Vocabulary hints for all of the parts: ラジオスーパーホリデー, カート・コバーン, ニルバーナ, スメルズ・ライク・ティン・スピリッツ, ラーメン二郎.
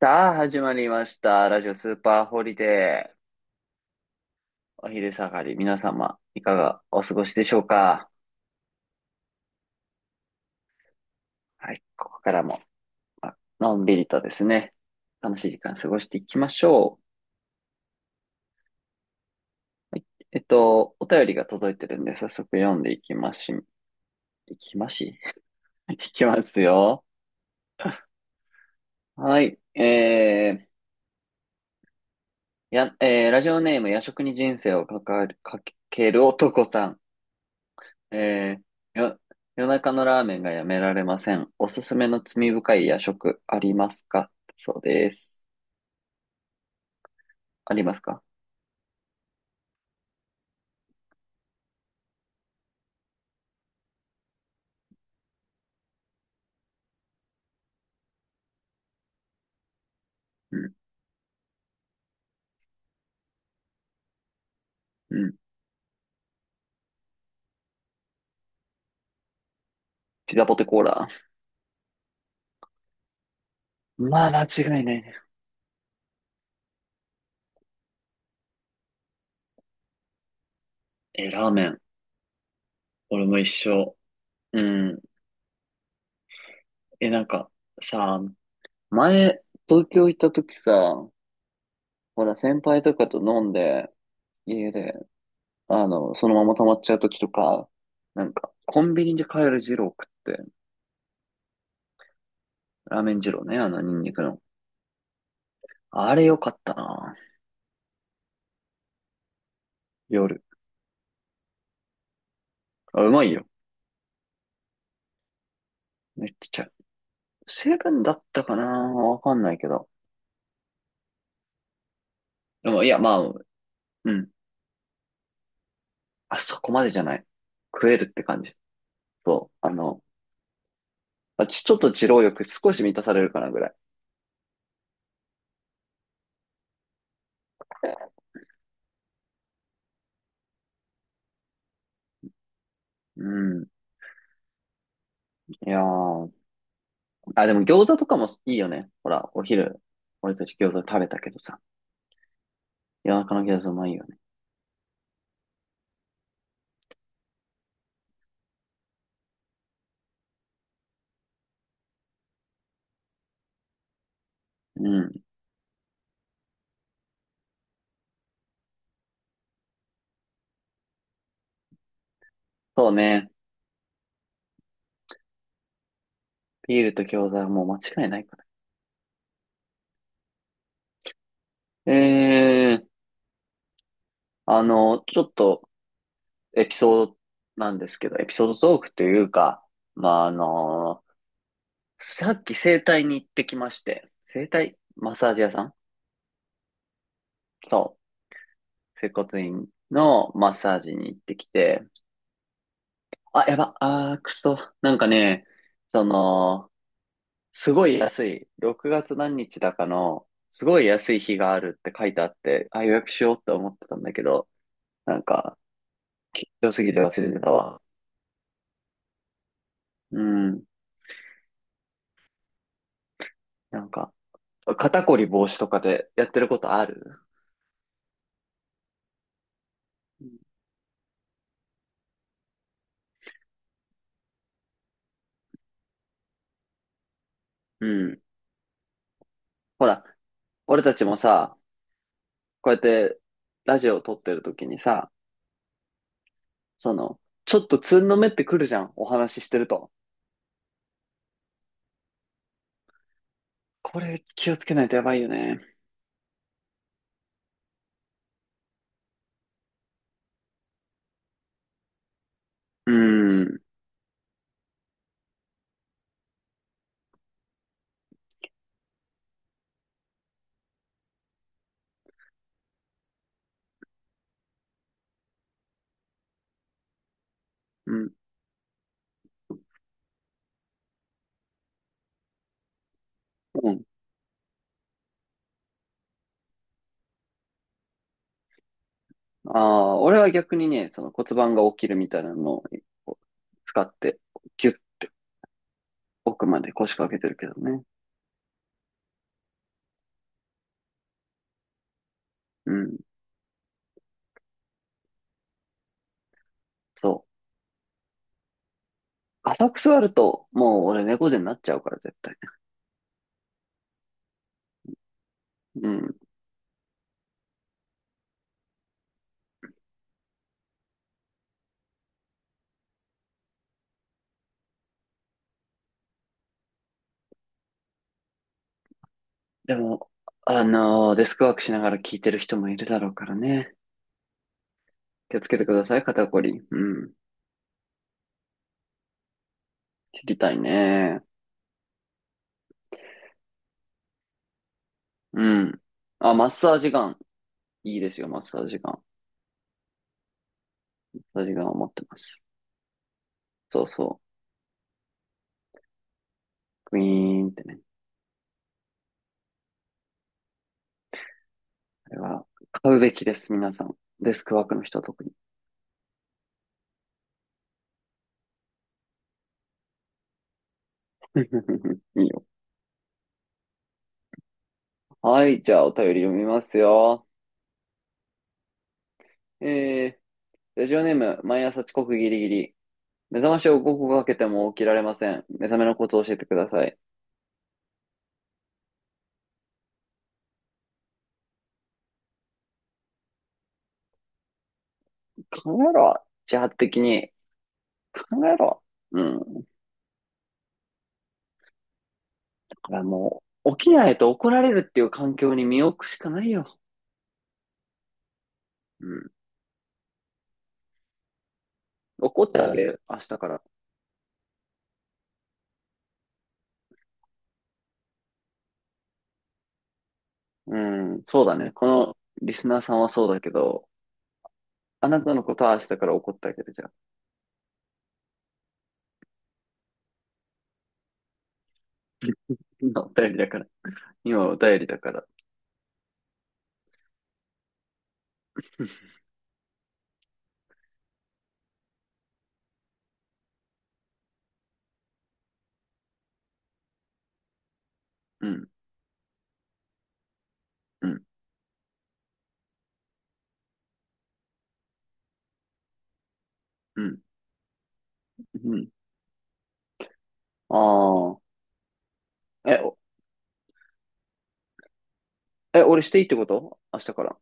さあ、始まりました。ラジオスーパーホリデー。お昼下がり、皆様、いかがお過ごしでしょうか。はい、ここからも、まあのんびりとですね、楽しい時間過ごしていきましょう。はい、お便りが届いてるんで、早速読んでいきますし、いきますし、いきますよ。はい、えー、や、えーラジオネーム、夜食に人生をかかる、かける男さん。えー、よ、夜中のラーメンがやめられません。おすすめの罪深い夜食ありますか？そうです。ありますか？うん、うん。ピザポテコーラ。まあ、間違いないね。えー、ラーメン。俺も一緒。うん。なんか、さ、前、東京行った時さ、ほら、先輩とかと飲んで、家で、そのまま溜まっちゃう時とか、なんか、コンビニで買える二郎食って、ラーメン二郎ね、あの、ニンニクの。あれ良かったな。夜。あ、うまいよ。めっちゃ。セブンだったかな、わかんないけど。でも、いや、まあ、うん。あそこまでじゃない。食えるって感じ。そう。あの、ちょっと二郎欲少し満たされるかなぐらい。うん。いやー。あ、でも餃子とかもいいよね。ほら、お昼、俺たち餃子食べたけどさ。夜中の餃子うまいよね。うん。そうね。ビールと餃子はもう間違いないから。あの、ちょっとエピソードなんですけど、エピソードトークというか、まあ、あのさっき整体に行ってきまして、整体マッサージ屋さんそう。整骨院のマッサージに行ってきて、あ、やば、あー、くそ。なんかね、その、すごい安い、6月何日だかの、すごい安い日があるって書いてあって、あ、予約しようって思ってたんだけど、なんか、緊張すぎて忘れてたわ。うん。なんか、肩こり防止とかでやってることある？うん。ほら、俺たちもさ、こうやってラジオを撮ってる時にさ、その、ちょっとつんのめってくるじゃん、お話ししてると。これ気をつけないとやばいよね。うーん、うん、うん。ああ、俺は逆にね、その骨盤が起きるみたいなのをこう使って、ギュッて奥まで腰掛けてるけどね。うん、そう。浅く座ると、もう俺猫背になっちゃうから絶対ね。うん。でも、デスクワークしながら聞いてる人もいるだろうからね。気をつけてください、肩こり。うん。知りたいね。うん。あ、マッサージガン。いいですよ、マッサージガン。マッサージガンを持ってます。そうそう。クイーンってね。あれは、買うべきです、皆さん。デスクワークの人は特に。いいよ。はい、じゃあお便り読みますよ。えー、ラジオネーム、毎朝遅刻ギリギリ。目覚ましを5個かけても起きられません。目覚めのことを教えてください。考えろ。自発的に。考えろ。うん。だからもう、起きないと怒られるっていう環境に身を置くしかないよ。うん。怒ってあげる、明日から。うん、そうだね。このリスナーさんはそうだけど、あなたのことは明日から怒ってあげるじゃん。今お便りだから。今お便りだから。うん、うん、うん、うん。ああ。え、俺していいってこと明日から。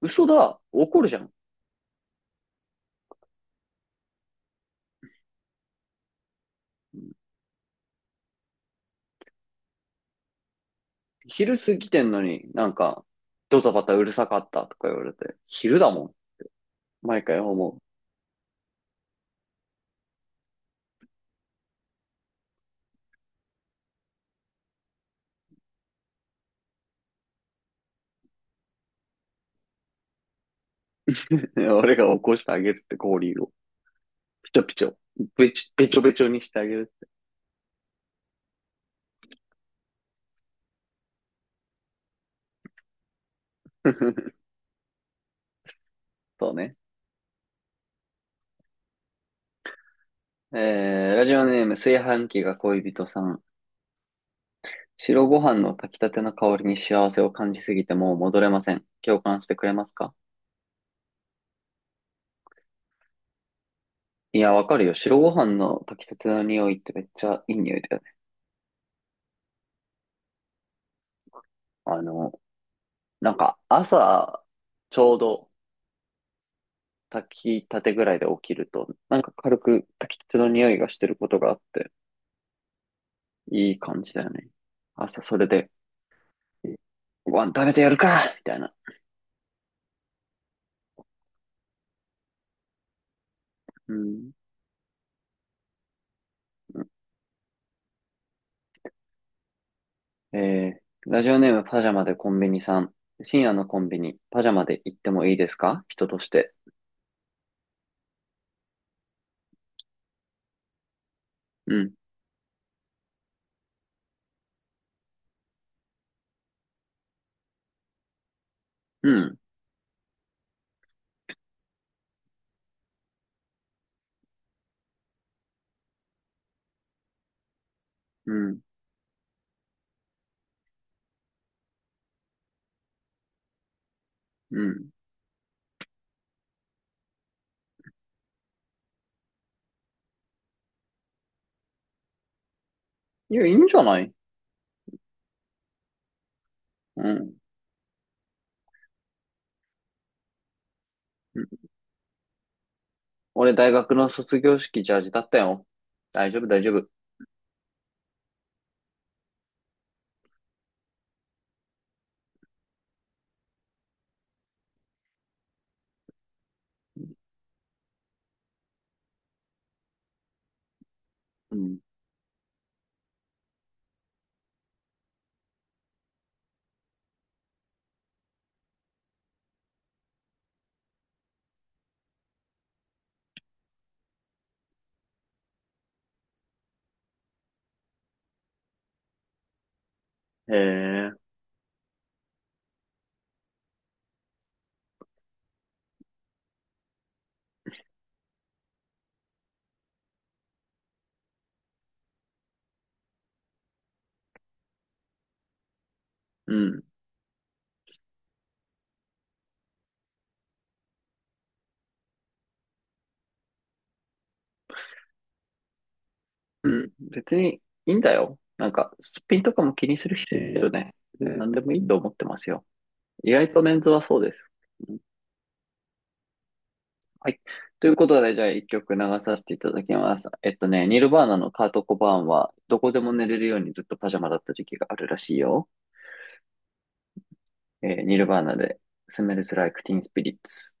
嘘だ。怒るじゃん。うん。昼過ぎてんのになんか、ドタバタうるさかったとか言われて、昼だもん。毎回思う。俺が起こしてあげるって氷を。ピチョピチョ。べちょべちょにしてあげる。そうね。えー、ラジオネーム、炊飯器が恋人さん。白ご飯の炊きたての香りに幸せを感じすぎてもう戻れません。共感してくれますか？いや、わかるよ。白ご飯の炊きたての匂いってめっちゃいい匂いだよね。あの、なんか朝、ちょうど炊きたてぐらいで起きると、なんか軽く炊きたての匂いがしてることがあって、いい感じだよね。朝それで、ご飯食べてやるかみたいな。うん。えーラジオネームパジャマでコンビニさん。深夜のコンビニ、パジャマで行ってもいいですか？人として。うん、うん、うん、うん。いや、いいんじゃない？うん、うん。俺、大学の卒業式ジャージだったよ。大丈夫、大丈夫。うん。へえ、うん、うん。別にいいんだよ。なんか、すっぴんとかも気にする人いるよね。うん。何でもいいと思ってますよ。意外とメンズはそうです。はい。ということで、じゃあ一曲流させていただきます。えっとね、ニルバーナのカート・コバーンは、どこでも寝れるようにずっとパジャマだった時期があるらしいよ。えーニルバーナで、スメルズ・ライク・ティン・スピリッツ。